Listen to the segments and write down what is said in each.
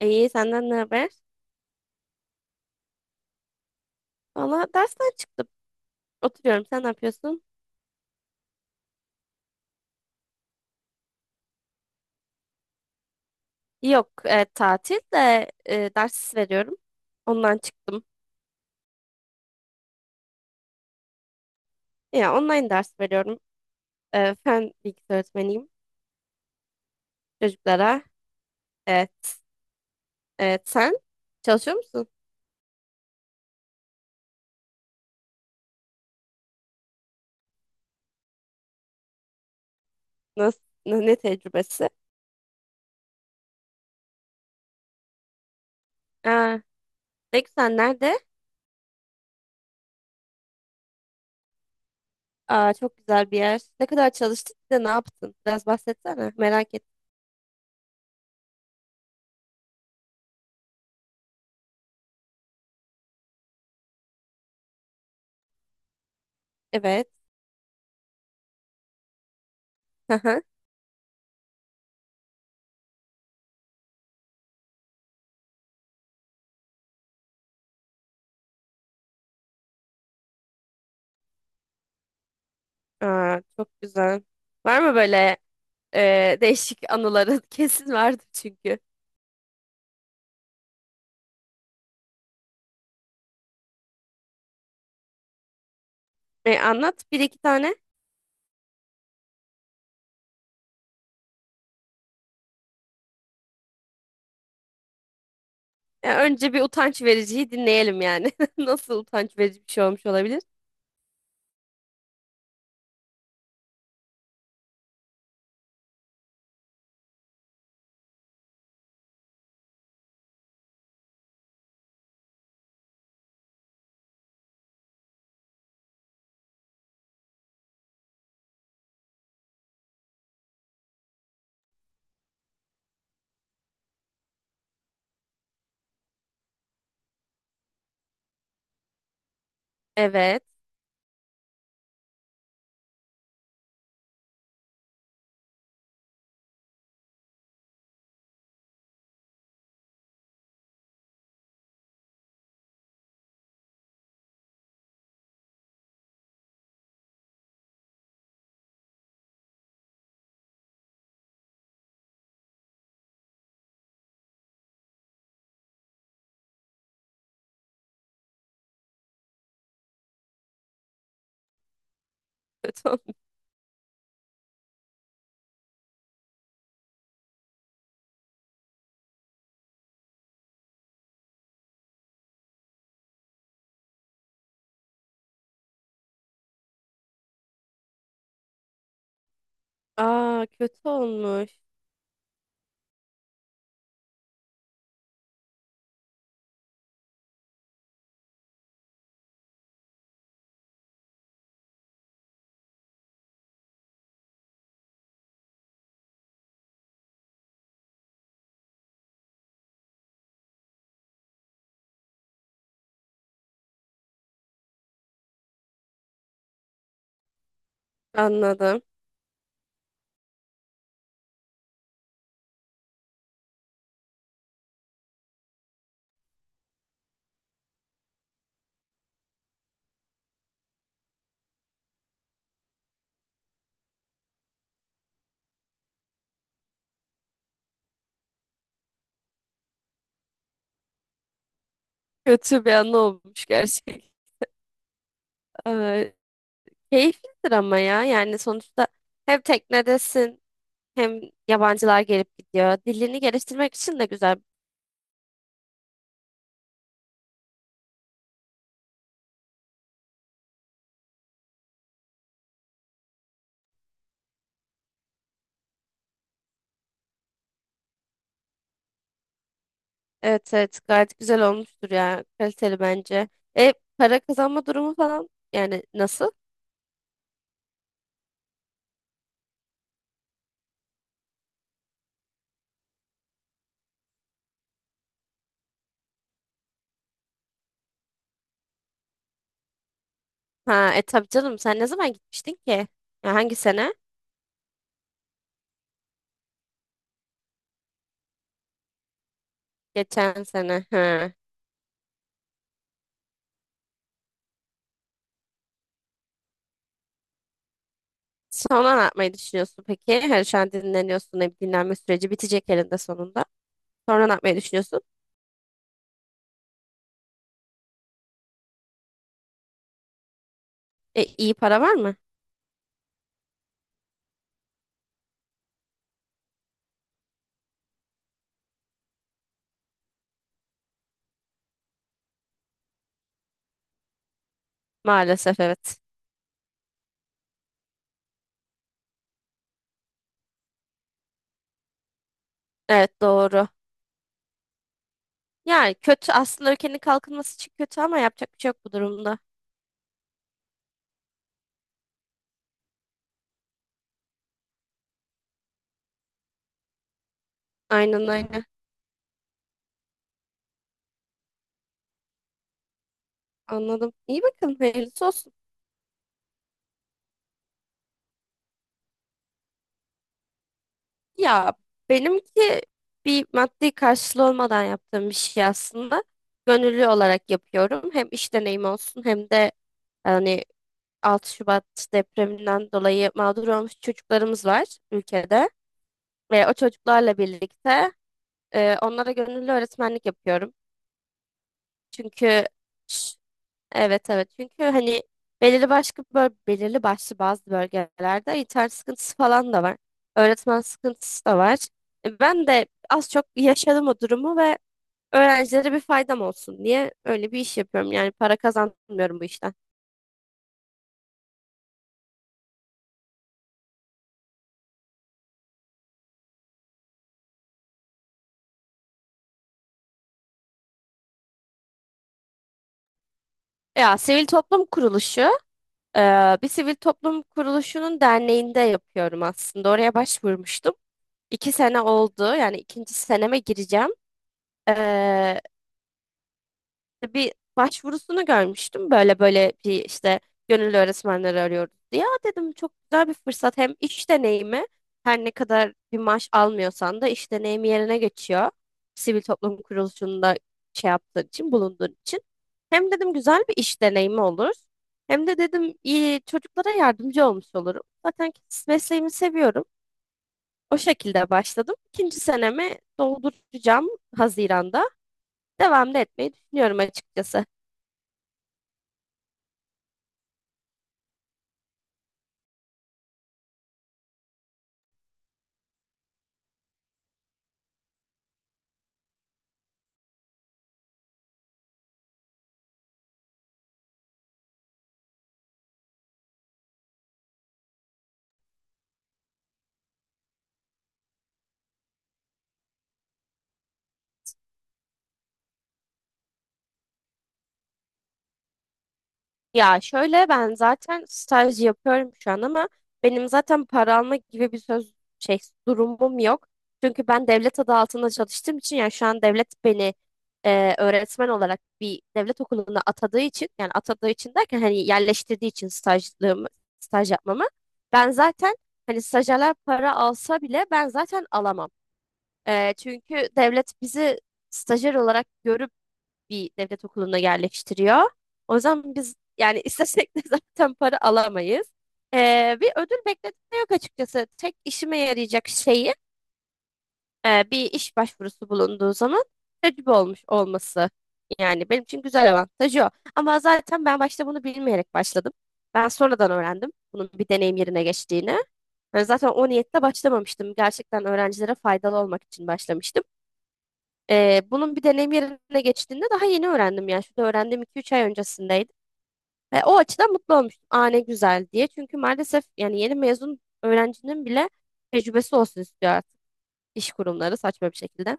İyi, senden ne haber? Valla dersten çıktım. Oturuyorum. Sen ne yapıyorsun? Yok, tatil de ders veriyorum. Ondan çıktım. Ya online ders veriyorum. Fen bilgisi öğretmeniyim çocuklara. Evet. Evet, sen çalışıyor musun? Nasıl, ne tecrübesi? Aa, ne güzel. Nerede? Aa, çok güzel bir yer. Ne kadar çalıştın? Bir de ne yaptın? Biraz bahsetsene. Merak et. Evet. Aha. Aa, çok güzel. Var mı böyle? Değişik anıların kesin vardı çünkü. Anlat bir iki tane. Önce bir utanç vericiyi dinleyelim yani. Nasıl utanç verici bir şey olmuş olabilir? Evet. Kötü olmuş. Aa, kötü olmuş. Anladım. Kötü bir anı olmuş gerçekten. Ee, Keyiflidir ama ya. Yani sonuçta hem teknedesin hem yabancılar gelip gidiyor. Dilini geliştirmek için de güzel. Evet, evet, gayet güzel olmuştur ya. Kaliteli bence. E para kazanma durumu falan yani nasıl? Ha, e tabii canım, sen ne zaman gitmiştin ki? Ya hangi sene? Geçen sene. Ha. Sonra ne yapmayı düşünüyorsun peki? Her şu an dinleniyorsun. E, dinlenme süreci bitecek elinde sonunda. Sonra ne yapmayı düşünüyorsun? E, iyi para var mı? Maalesef evet. Evet, doğru. Yani kötü aslında, ülkenin kalkınması için kötü ama yapacak bir şey yok bu durumda. Aynen, aynen. Anladım. İyi bakın. Hayırlısı olsun. Ya benimki bir maddi karşılığı olmadan yaptığım bir şey aslında. Gönüllü olarak yapıyorum. Hem iş deneyimi olsun hem de hani 6 Şubat depreminden dolayı mağdur olmuş çocuklarımız var ülkede. Ve o çocuklarla birlikte onlara gönüllü öğretmenlik yapıyorum. Çünkü evet, evet, çünkü hani belirli belirli başlı bazı bölgelerde internet sıkıntısı falan da var. Öğretmen sıkıntısı da var. E, ben de az çok yaşadım o durumu ve öğrencilere bir faydam olsun diye öyle bir iş yapıyorum. Yani para kazanmıyorum bu işten. Ya sivil toplum kuruluşu, e, bir sivil toplum kuruluşunun derneğinde yapıyorum aslında. Oraya başvurmuştum. İki sene oldu, yani ikinci seneme gireceğim. E, İşte bir başvurusunu görmüştüm. Böyle böyle bir işte gönüllü öğretmenleri arıyoruz diye. Aa dedim, çok güzel bir fırsat. Hem iş deneyimi, her ne kadar bir maaş almıyorsan da iş deneyimi yerine geçiyor. Sivil toplum kuruluşunda şey yaptığın için, bulunduğun için. Hem dedim güzel bir iş deneyimi olur. Hem de dedim iyi çocuklara yardımcı olmuş olurum. Zaten mesleğimi seviyorum. O şekilde başladım. İkinci senemi dolduracağım Haziran'da, devam da etmeyi düşünüyorum açıkçası. Ya şöyle, ben zaten staj yapıyorum şu an ama benim zaten para alma gibi bir söz, şey, durumum yok. Çünkü ben devlet adı altında çalıştığım için, yani şu an devlet beni öğretmen olarak bir devlet okuluna atadığı için, yani atadığı için derken hani yerleştirdiği için stajlığımı, staj yapmamı, ben zaten, hani stajyerler para alsa bile ben zaten alamam. Çünkü devlet bizi stajyer olarak görüp bir devlet okuluna yerleştiriyor. O zaman biz yani istesek de zaten para alamayız. Bir ödül bekledim de yok açıkçası. Tek işime yarayacak şeyi, bir iş başvurusu bulunduğu zaman tecrübe olmuş olması. Yani benim için güzel avantajı o. Ama zaten ben başta bunu bilmeyerek başladım. Ben sonradan öğrendim bunun bir deneyim yerine geçtiğini. Yani zaten o niyetle başlamamıştım. Gerçekten öğrencilere faydalı olmak için başlamıştım. Bunun bir deneyim yerine geçtiğinde daha yeni öğrendim yani. Şurada öğrendiğim iki üç ay öncesindeydi. Ve o açıdan mutlu olmuştum. Aa ne güzel diye. Çünkü maalesef yani yeni mezun öğrencinin bile tecrübesi olsun istiyor artık iş kurumları saçma bir şekilde.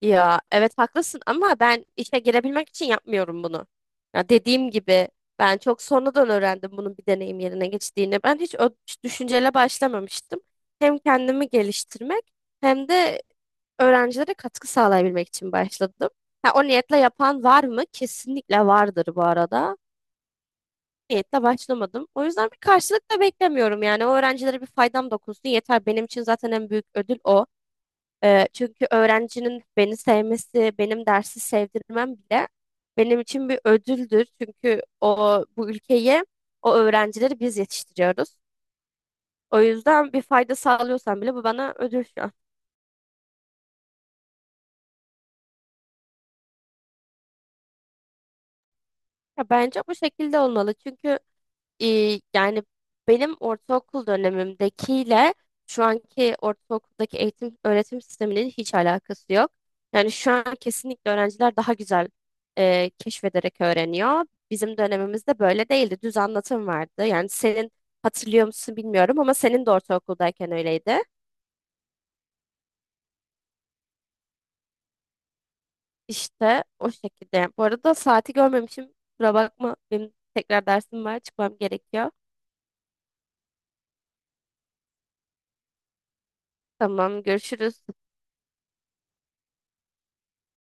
Ya evet, haklısın ama ben işe girebilmek için yapmıyorum bunu. Ya dediğim gibi ben çok sonradan öğrendim bunun bir deneyim yerine geçtiğini. Ben hiç o düşünceyle başlamamıştım. Hem kendimi geliştirmek hem de öğrencilere katkı sağlayabilmek için başladım. Ha, o niyetle yapan var mı? Kesinlikle vardır bu arada. Niyetle başlamadım. O yüzden bir karşılık da beklemiyorum. Yani o öğrencilere bir faydam dokunsun yeter. Benim için zaten en büyük ödül o. Çünkü öğrencinin beni sevmesi, benim dersi sevdirmem bile benim için bir ödüldür. Çünkü o bu ülkeyi, o öğrencileri biz yetiştiriyoruz. O yüzden bir fayda sağlıyorsam bile bu bana ödül şu an. Ya bence bu şekilde olmalı. Çünkü İyi, yani benim ortaokul dönemimdekiyle şu anki ortaokuldaki eğitim öğretim sisteminin hiç alakası yok. Yani şu an kesinlikle öğrenciler daha güzel keşfederek öğreniyor. Bizim dönemimizde böyle değildi. Düz anlatım vardı. Yani senin, hatırlıyor musun bilmiyorum ama senin de ortaokuldayken öyleydi. İşte o şekilde. Bu arada saati görmemişim. Kusura bakma. Benim tekrar dersim var. Çıkmam gerekiyor. Tamam, görüşürüz.